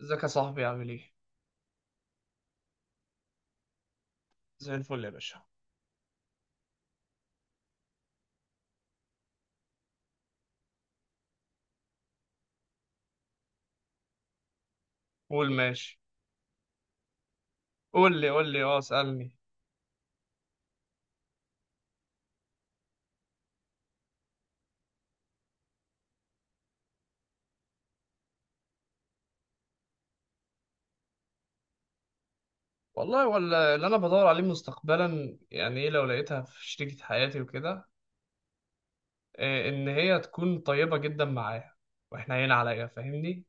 ازيك يا صاحبي؟ عامل ايه؟ زي الفل يا باشا. قول ماشي. قول لي، قول لي، اه اسألني. والله ولا اللي انا بدور عليه مستقبلا، يعني ايه لو لقيتها في شريكة حياتي وكده. إيه ان هي تكون طيبة جدا معايا، واحنا هنا عليا، فاهمني؟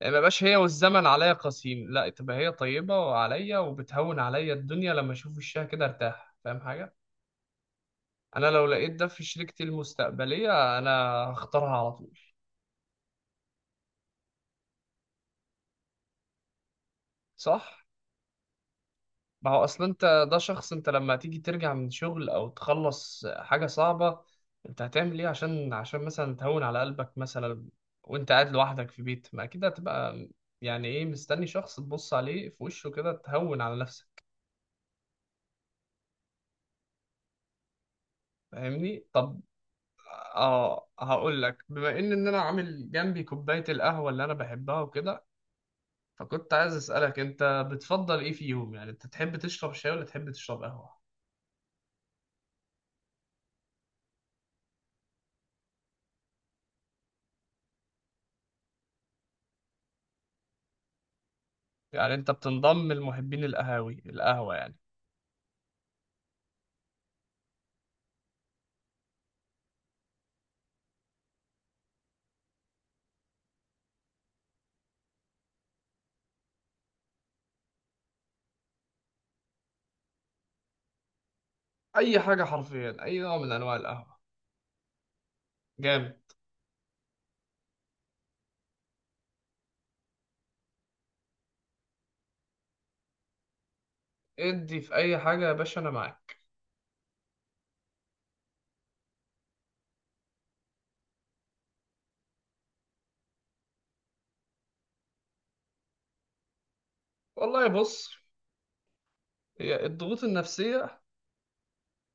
يعني ما يبقاش هي والزمن عليا قاسيين، لا تبقى هي طيبة عليا وبتهون عليا الدنيا، لما اشوف وشها كده ارتاح، فاهم حاجة؟ انا لو لقيت ده في شريكتي المستقبلية، انا هختارها على طول. صح؟ ما هو اصل انت ده شخص، انت لما تيجي ترجع من شغل او تخلص حاجة صعبة، انت هتعمل ايه عشان مثلا تهون على قلبك مثلا، وانت قاعد لوحدك في بيت، ما اكيد هتبقى ايه، مستني شخص تبص عليه في وشه كده تهون على نفسك. فاهمني؟ طب اه، هقول لك، بما ان انا عامل جنبي كوباية القهوة اللي انا بحبها وكده، فكنت عايز اسألك انت بتفضل ايه فيهم؟ يعني انت تحب تشرب شاي ولا تحب تشرب قهوة؟ يعني انت بتنضم لمحبين القهاوي، القهوة يعني. اي حاجه حرفيا، اي نوع من انواع القهوه، جامد. ادي في اي حاجه يا باشا، انا معاك. والله بص، هي الضغوط النفسيه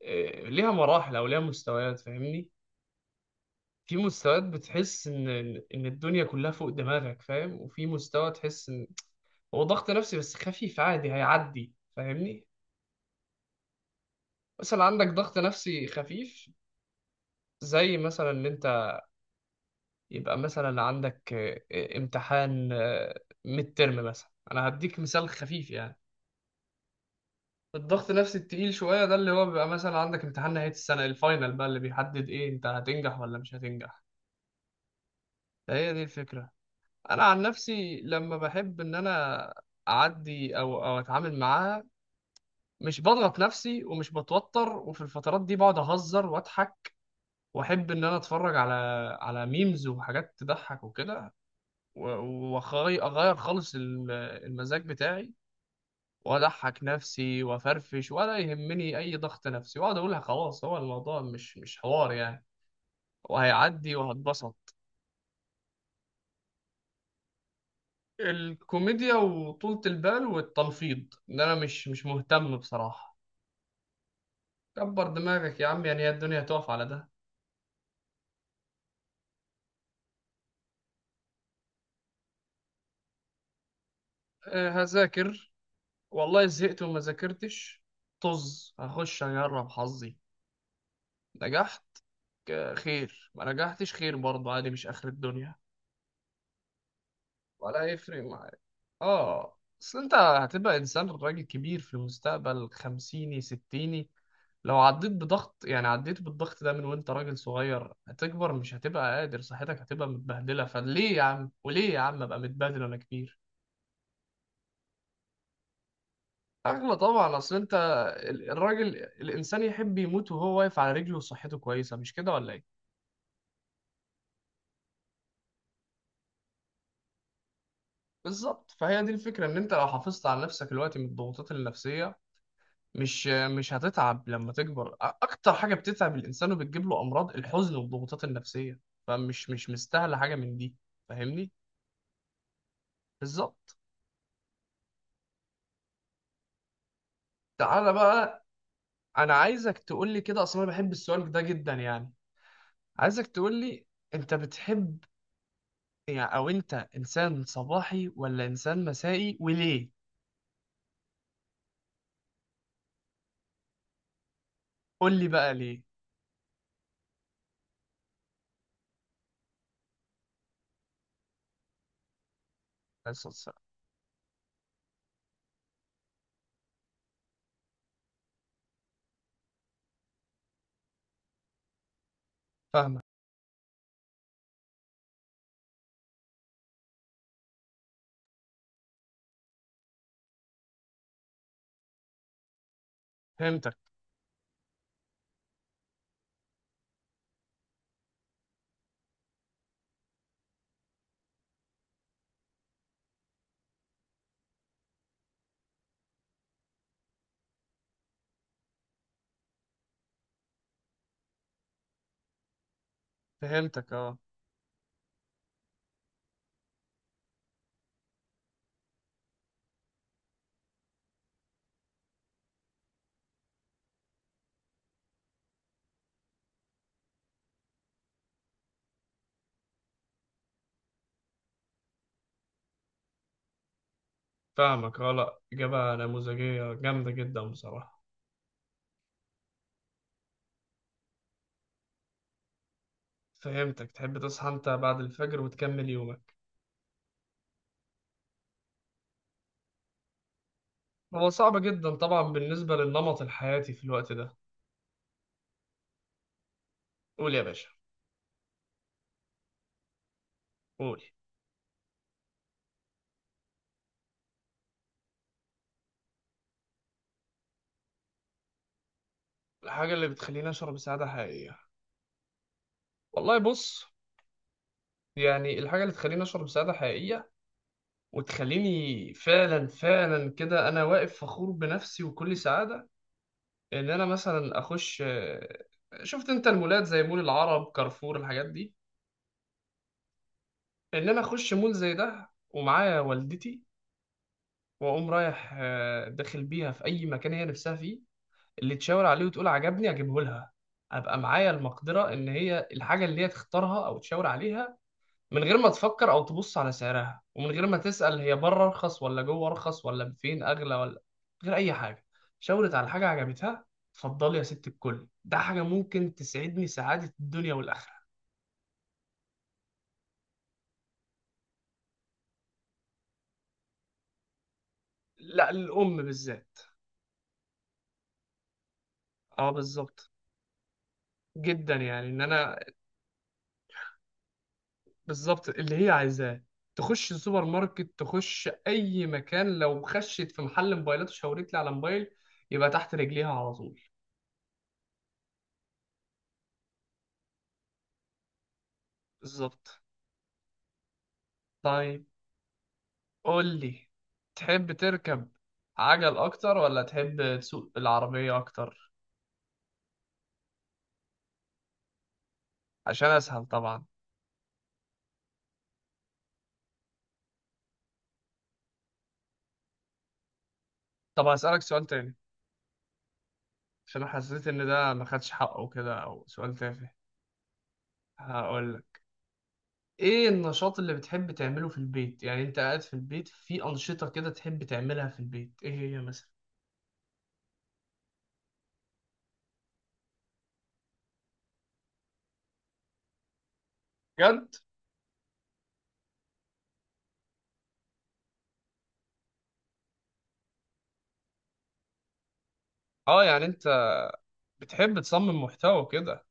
ليها مراحل او ليها مستويات فاهمني. في مستويات بتحس ان الدنيا كلها فوق دماغك فاهم، وفي مستوى تحس ان هو ضغط نفسي بس خفيف عادي هيعدي، فاهمني؟ مثلا عندك ضغط نفسي خفيف، زي مثلا ان انت يبقى مثلا عندك امتحان ميد ترم مثلا، انا هديك مثال خفيف يعني. الضغط النفسي التقيل شوية ده اللي هو بيبقى مثلا عندك امتحان نهاية السنة، الفاينل بقى اللي بيحدد ايه انت هتنجح ولا مش هتنجح. فهي دي الفكرة. انا عن نفسي لما بحب ان انا اعدي او اتعامل معاها، مش بضغط نفسي ومش بتوتر، وفي الفترات دي بقعد اهزر واضحك، واحب ان انا اتفرج على ميمز وحاجات تضحك وكده، واغير خالص المزاج بتاعي، واضحك نفسي وافرفش، ولا يهمني اي ضغط نفسي، واقعد اقولها خلاص، هو الموضوع مش حوار يعني، وهيعدي وهتبسط. الكوميديا وطولة البال والتلفيظ، ان انا مش مهتم بصراحة. كبر دماغك يا عم، يعني هي الدنيا هتقف على ده؟ أه هذاكر، والله زهقت وما ذاكرتش، طز هخش اجرب حظي، نجحت خير، ما نجحتش خير برضه عادي، مش اخر الدنيا. ولا يفرق. اه، اصل انت هتبقى انسان راجل كبير في المستقبل، خمسيني ستيني، لو عديت بضغط، يعني عديت بالضغط ده من وانت راجل صغير، هتكبر مش هتبقى قادر، صحتك هتبقى متبهدله، فليه يا عم، وليه يا عم ابقى متبهدل وانا كبير؟ اغلى طبعا. اصل انت الراجل الانسان يحب يموت وهو واقف على رجله وصحته كويسه، مش كده ولا ايه؟ بالظبط، فهي دي الفكره، ان انت لو حافظت على نفسك الوقت من الضغوطات النفسيه، مش هتتعب لما تكبر. اكتر حاجه بتتعب الانسان وبتجيب له امراض، الحزن والضغوطات النفسيه، فمش مش مستاهله حاجه من دي. فاهمني؟ بالظبط. تعالى بقى، انا عايزك تقول لي كده، اصلا انا بحب السؤال ده جدا يعني. عايزك تقول لي انت بتحب، يعني او انت انسان صباحي ولا انسان مسائي، وليه؟ قول لي بقى ليه. بس بس- فاهمك. فهمتك. فهمتك اه. فاهمك اه، لا اجابه نموذجيه جامده جدا بصراحه. فهمتك، تحب تصحى انت بعد الفجر وتكمل يومك. هو صعب جدا طبعا بالنسبة للنمط الحياتي في الوقت ده. قول يا باشا، قول. الحاجة اللي بتخليني أشعر بسعادة حقيقية، والله بص، يعني الحاجة اللي تخليني أشعر بسعادة حقيقية وتخليني فعلا، فعلا كده أنا واقف فخور بنفسي وكل سعادة، إن أنا مثلا أخش شفت أنت المولات زي مول العرب، كارفور، الحاجات دي، إن أنا أخش مول زي ده ومعايا والدتي، واقوم رايح داخل بيها في اي مكان هي نفسها فيه، اللي تشاور عليه وتقول عجبني اجيبه لها، ابقى معايا المقدره ان هي الحاجه اللي هي تختارها او تشاور عليها، من غير ما تفكر او تبص على سعرها، ومن غير ما تسال هي بره ارخص ولا جوه ارخص ولا فين اغلى ولا من غير اي حاجه، شاورت على حاجه عجبتها، اتفضلي يا ست الكل. ده حاجه ممكن تسعدني سعاده الدنيا والاخره. لا، الام بالذات. اه بالظبط، جدا يعني ان انا. بالظبط اللي هي عايزاه، تخش السوبر ماركت، تخش اي مكان، لو خشت في محل موبايلات وشاورت لي على موبايل، يبقى تحت رجليها على طول. بالظبط. طيب قول لي، تحب تركب عجل اكتر ولا تحب تسوق العربية اكتر؟ عشان اسهل طبعا. طب هسألك سؤال تاني، عشان حسيت ان ده ما خدش حقه كده، او سؤال تافه. هقول لك، ايه النشاط اللي بتحب تعمله في البيت؟ يعني انت قاعد في البيت، في انشطة كده تحب تعملها في البيت، ايه هي مثلا؟ بجد؟ اه يعني انت بتحب تصمم محتوى كده؟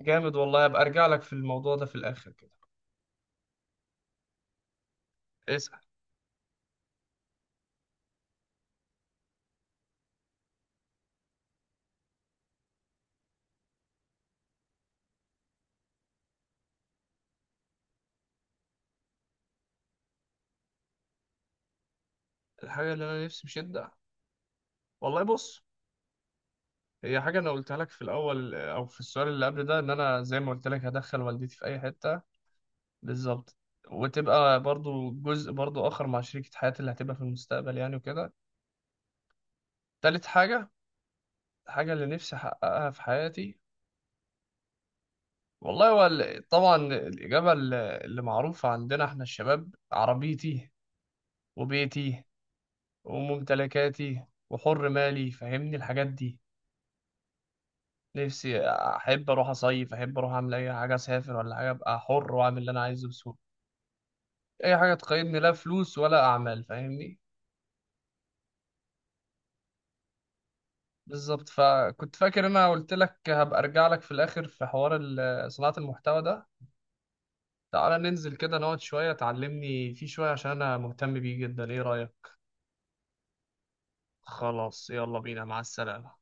جامد والله، ابقى ارجع لك في الموضوع ده في الاخر كده. اسأل. الحاجة اللي انا نفسي بشدة، والله بص، هي حاجة أنا قلتها لك في الأول أو في السؤال اللي قبل ده، إن أنا زي ما قلت لك هدخل والدتي في أي حتة. بالظبط. وتبقى برضو جزء برضو آخر مع شريكة حياتي اللي هتبقى في المستقبل يعني وكده. تالت حاجة، الحاجة اللي نفسي أحققها في حياتي، والله هو طبعا الإجابة اللي معروفة عندنا إحنا الشباب، عربيتي وبيتي وممتلكاتي وحر مالي، فاهمني الحاجات دي. نفسي، احب اروح اصيف، احب اروح اعمل اي حاجه، اسافر ولا حاجه، ابقى حر واعمل اللي انا عايزه بسهوله، اي حاجه تقيدني، لا فلوس ولا اعمال، فاهمني. بالظبط. فكنت فاكر انا قلت لك هبقى ارجع لك في الاخر في حوار صناعه المحتوى ده. تعالى ننزل كده نقعد شويه، تعلمني فيه شويه، عشان انا مهتم بيه جدا، ايه رايك؟ خلاص يلا بينا، مع السلامه.